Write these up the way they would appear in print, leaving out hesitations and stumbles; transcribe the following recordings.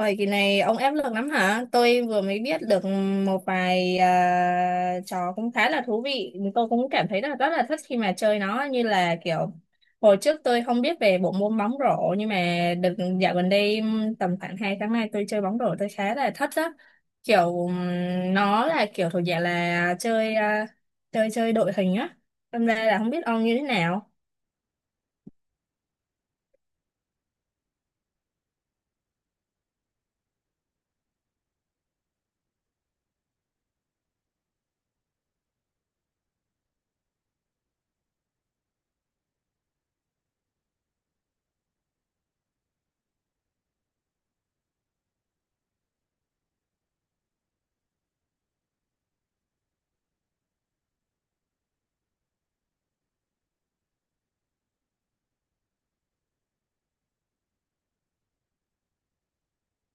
Vậy kỳ này ông ép lực lắm hả? Tôi vừa mới biết được một vài trò cũng khá là thú vị. Tôi cũng cảm thấy là rất là thích khi mà chơi nó như là kiểu hồi trước tôi không biết về bộ môn bóng rổ nhưng mà được dạo gần đây tầm khoảng 2 tháng nay tôi chơi bóng rổ tôi khá là thích đó. Kiểu nó là kiểu thuộc dạng là chơi chơi chơi đội hình á. Hôm nay là không biết ông như thế nào.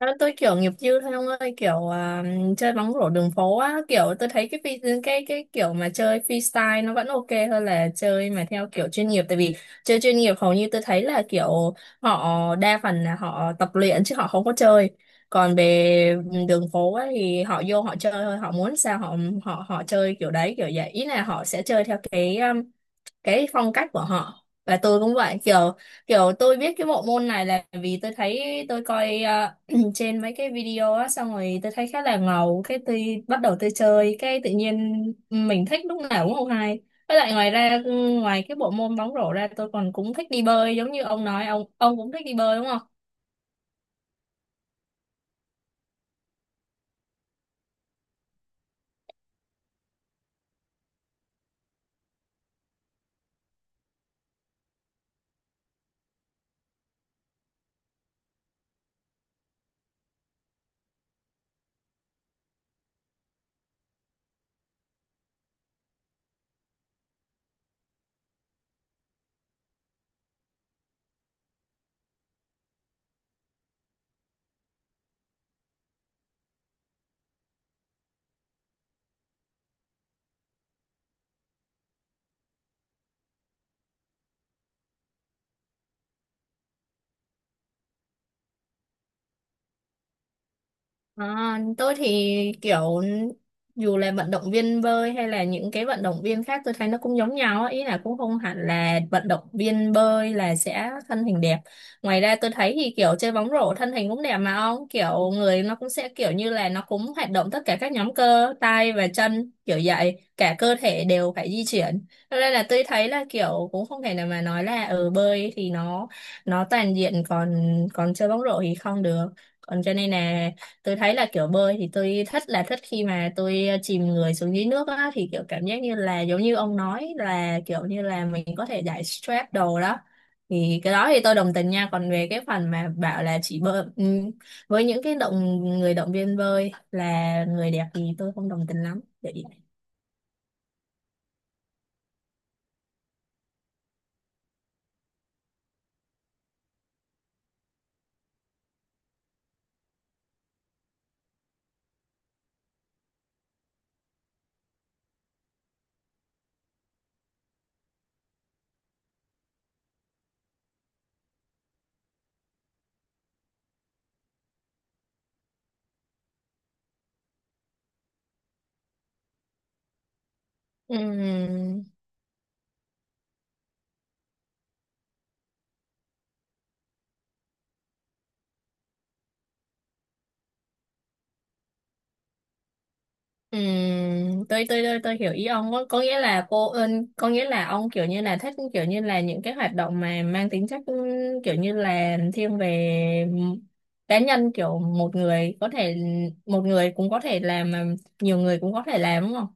À, tôi kiểu nghiệp dư thôi ông ơi, kiểu chơi bóng rổ đường phố á, kiểu tôi thấy cái cái kiểu mà chơi freestyle nó vẫn ok hơn là chơi mà theo kiểu chuyên nghiệp. Tại vì chơi chuyên nghiệp hầu như tôi thấy là kiểu họ đa phần là họ tập luyện chứ họ không có chơi. Còn về đường phố á, thì họ vô họ chơi thôi, họ muốn sao họ họ họ chơi kiểu đấy, kiểu vậy, ý là họ sẽ chơi theo cái phong cách của họ, và tôi cũng vậy. Kiểu kiểu tôi biết cái bộ môn này là vì tôi thấy tôi coi trên mấy cái video á, xong rồi tôi thấy khá là ngầu, cái tôi bắt đầu tôi chơi, cái tự nhiên mình thích lúc nào cũng không hay. Với lại ngoài ra, ngoài cái bộ môn bóng rổ ra, tôi còn cũng thích đi bơi, giống như ông nói ông cũng thích đi bơi đúng không? À, tôi thì kiểu dù là vận động viên bơi hay là những cái vận động viên khác tôi thấy nó cũng giống nhau á. Ý là cũng không hẳn là vận động viên bơi là sẽ thân hình đẹp. Ngoài ra tôi thấy thì kiểu chơi bóng rổ thân hình cũng đẹp mà ông, kiểu người nó cũng sẽ kiểu như là nó cũng hoạt động tất cả các nhóm cơ tay và chân, kiểu vậy cả cơ thể đều phải di chuyển. Cho nên là tôi thấy là kiểu cũng không thể nào mà nói là ở bơi thì nó toàn diện còn còn chơi bóng rổ thì không được, còn cho nên là tôi thấy là kiểu bơi thì tôi thích, là thích khi mà tôi chìm người xuống dưới nước á, thì kiểu cảm giác như là giống như ông nói là kiểu như là mình có thể giải stress đồ đó. Thì cái đó thì tôi đồng tình nha, còn về cái phần mà bảo là chỉ bơi với những cái động người động viên bơi là người đẹp thì tôi không đồng tình lắm vậy. Ừm. Ừ, tôi hiểu ý ông, có nghĩa là cô ơn, có nghĩa là ông kiểu như là thích kiểu như là những cái hoạt động mà mang tính chất kiểu như là thiên về cá nhân, kiểu một người có thể, một người cũng có thể làm mà nhiều người cũng có thể làm đúng không?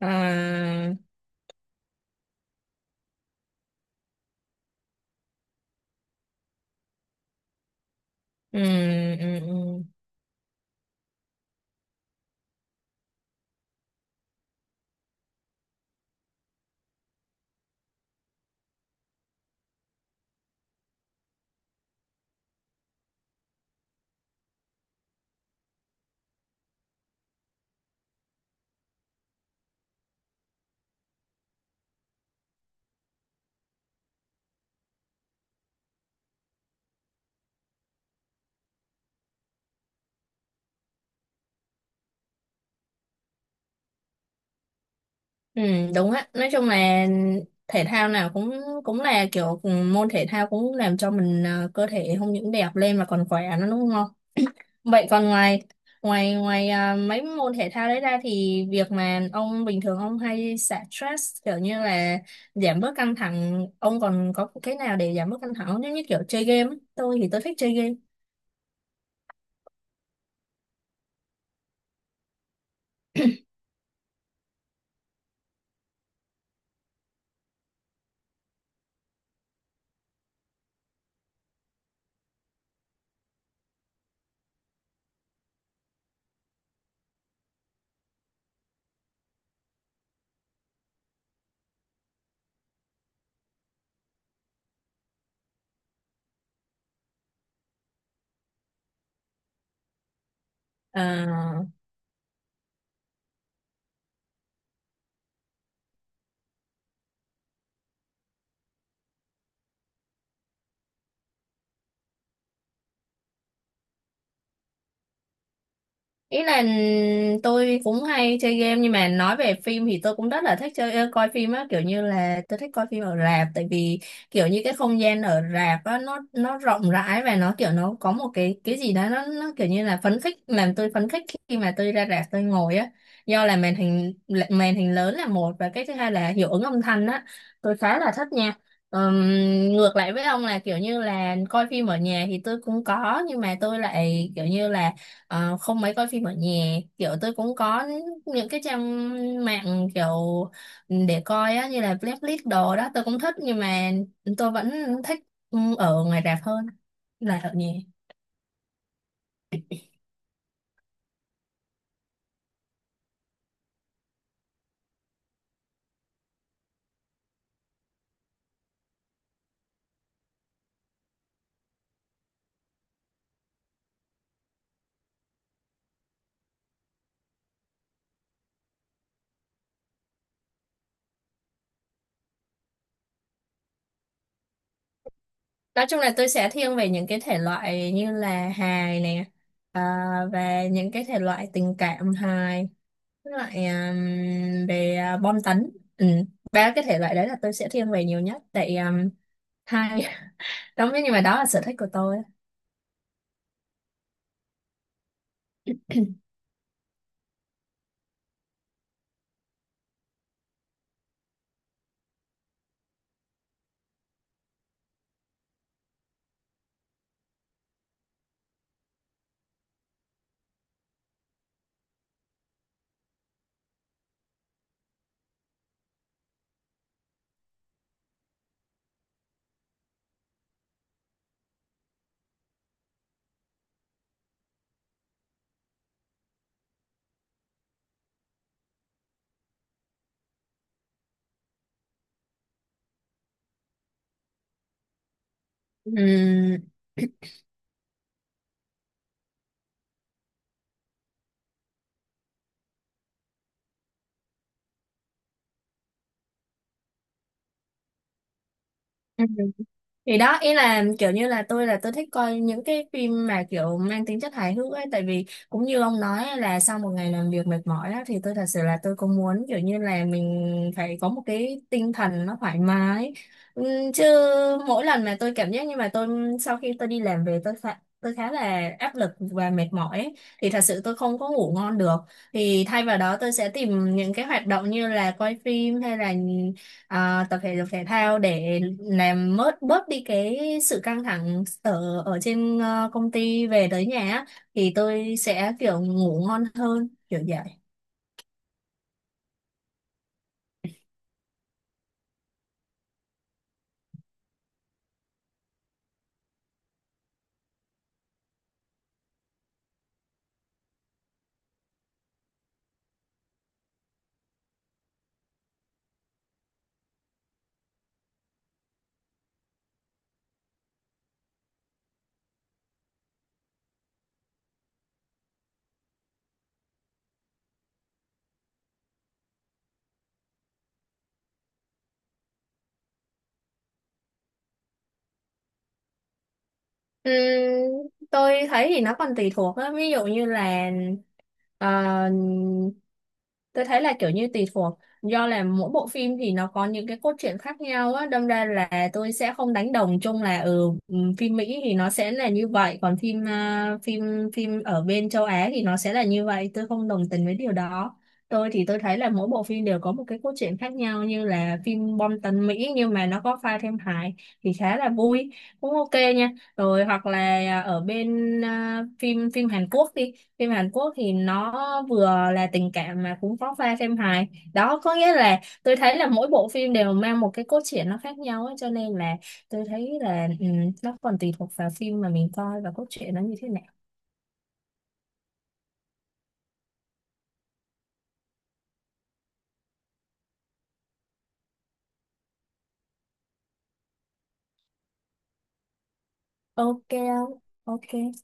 À, ừ, ừ, ừ, ừ, đúng á, nói chung là thể thao nào cũng cũng là kiểu môn thể thao cũng làm cho mình cơ thể không những đẹp lên mà còn khỏe nữa đúng không? Vậy còn ngoài ngoài ngoài mấy môn thể thao đấy ra thì việc mà ông bình thường ông hay xả stress kiểu như là giảm bớt căng thẳng, ông còn có cái nào để giảm bớt căng thẳng không? Giống như kiểu chơi game ấy. Tôi thì tôi thích chơi game. Ờ, ý là tôi cũng hay chơi game, nhưng mà nói về phim thì tôi cũng rất là thích chơi coi phim á, kiểu như là tôi thích coi phim ở rạp. Tại vì kiểu như cái không gian ở rạp á nó rộng rãi, và nó kiểu nó có một cái gì đó nó kiểu như là phấn khích, làm tôi phấn khích khi mà tôi ra rạp tôi ngồi á, do là màn hình lớn là một, và cái thứ hai là hiệu ứng âm thanh á, tôi khá là thích nha. Ừm, ngược lại với ông là kiểu như là coi phim ở nhà thì tôi cũng có, nhưng mà tôi lại kiểu như là không mấy coi phim ở nhà, kiểu tôi cũng có những cái trang mạng kiểu để coi á, như là Netflix đồ đó tôi cũng thích, nhưng mà tôi vẫn thích ở ngoài rạp hơn là ở nhà. Nói chung là tôi sẽ thiên về những cái thể loại như là hài nè, à, và những cái thể loại tình cảm hài, với lại về bom tấn. Ừ. Ba cái thể loại đấy là tôi sẽ thiên về nhiều nhất tại hai đó, nhưng mà đó là sở thích của tôi. Ừm, thì đó ý là kiểu như là tôi thích coi những cái phim mà kiểu mang tính chất hài hước ấy, tại vì cũng như ông nói ấy, là sau một ngày làm việc mệt mỏi á, thì tôi thật sự là tôi cũng muốn kiểu như là mình phải có một cái tinh thần nó thoải mái. Chứ mỗi lần mà tôi cảm giác như mà tôi, sau khi tôi đi làm về tôi khá là áp lực và mệt mỏi ấy, thì thật sự tôi không có ngủ ngon được, thì thay vào đó tôi sẽ tìm những cái hoạt động như là coi phim hay là tập thể dục thể thao để làm bớt bớt đi cái sự căng thẳng ở ở trên công ty về tới nhà á, thì tôi sẽ kiểu ngủ ngon hơn kiểu vậy. Ừm, tôi thấy thì nó còn tùy thuộc á, ví dụ như là ờ, tôi thấy là kiểu như tùy thuộc do là mỗi bộ phim thì nó có những cái cốt truyện khác nhau á, đâm ra là tôi sẽ không đánh đồng chung là phim Mỹ thì nó sẽ là như vậy, còn phim phim phim ở bên châu Á thì nó sẽ là như vậy, tôi không đồng tình với điều đó. Tôi thì tôi thấy là mỗi bộ phim đều có một cái cốt truyện khác nhau, như là phim bom tấn Mỹ nhưng mà nó có pha thêm hài thì khá là vui, cũng ok nha. Rồi hoặc là ở bên phim phim Hàn Quốc đi, phim Hàn Quốc thì nó vừa là tình cảm mà cũng có pha phim hài, đó có nghĩa là tôi thấy là mỗi bộ phim đều mang một cái cốt truyện nó khác nhau ấy, cho nên là tôi thấy là nó còn tùy thuộc vào phim mà mình coi và cốt truyện nó như thế nào. Ok không, ok.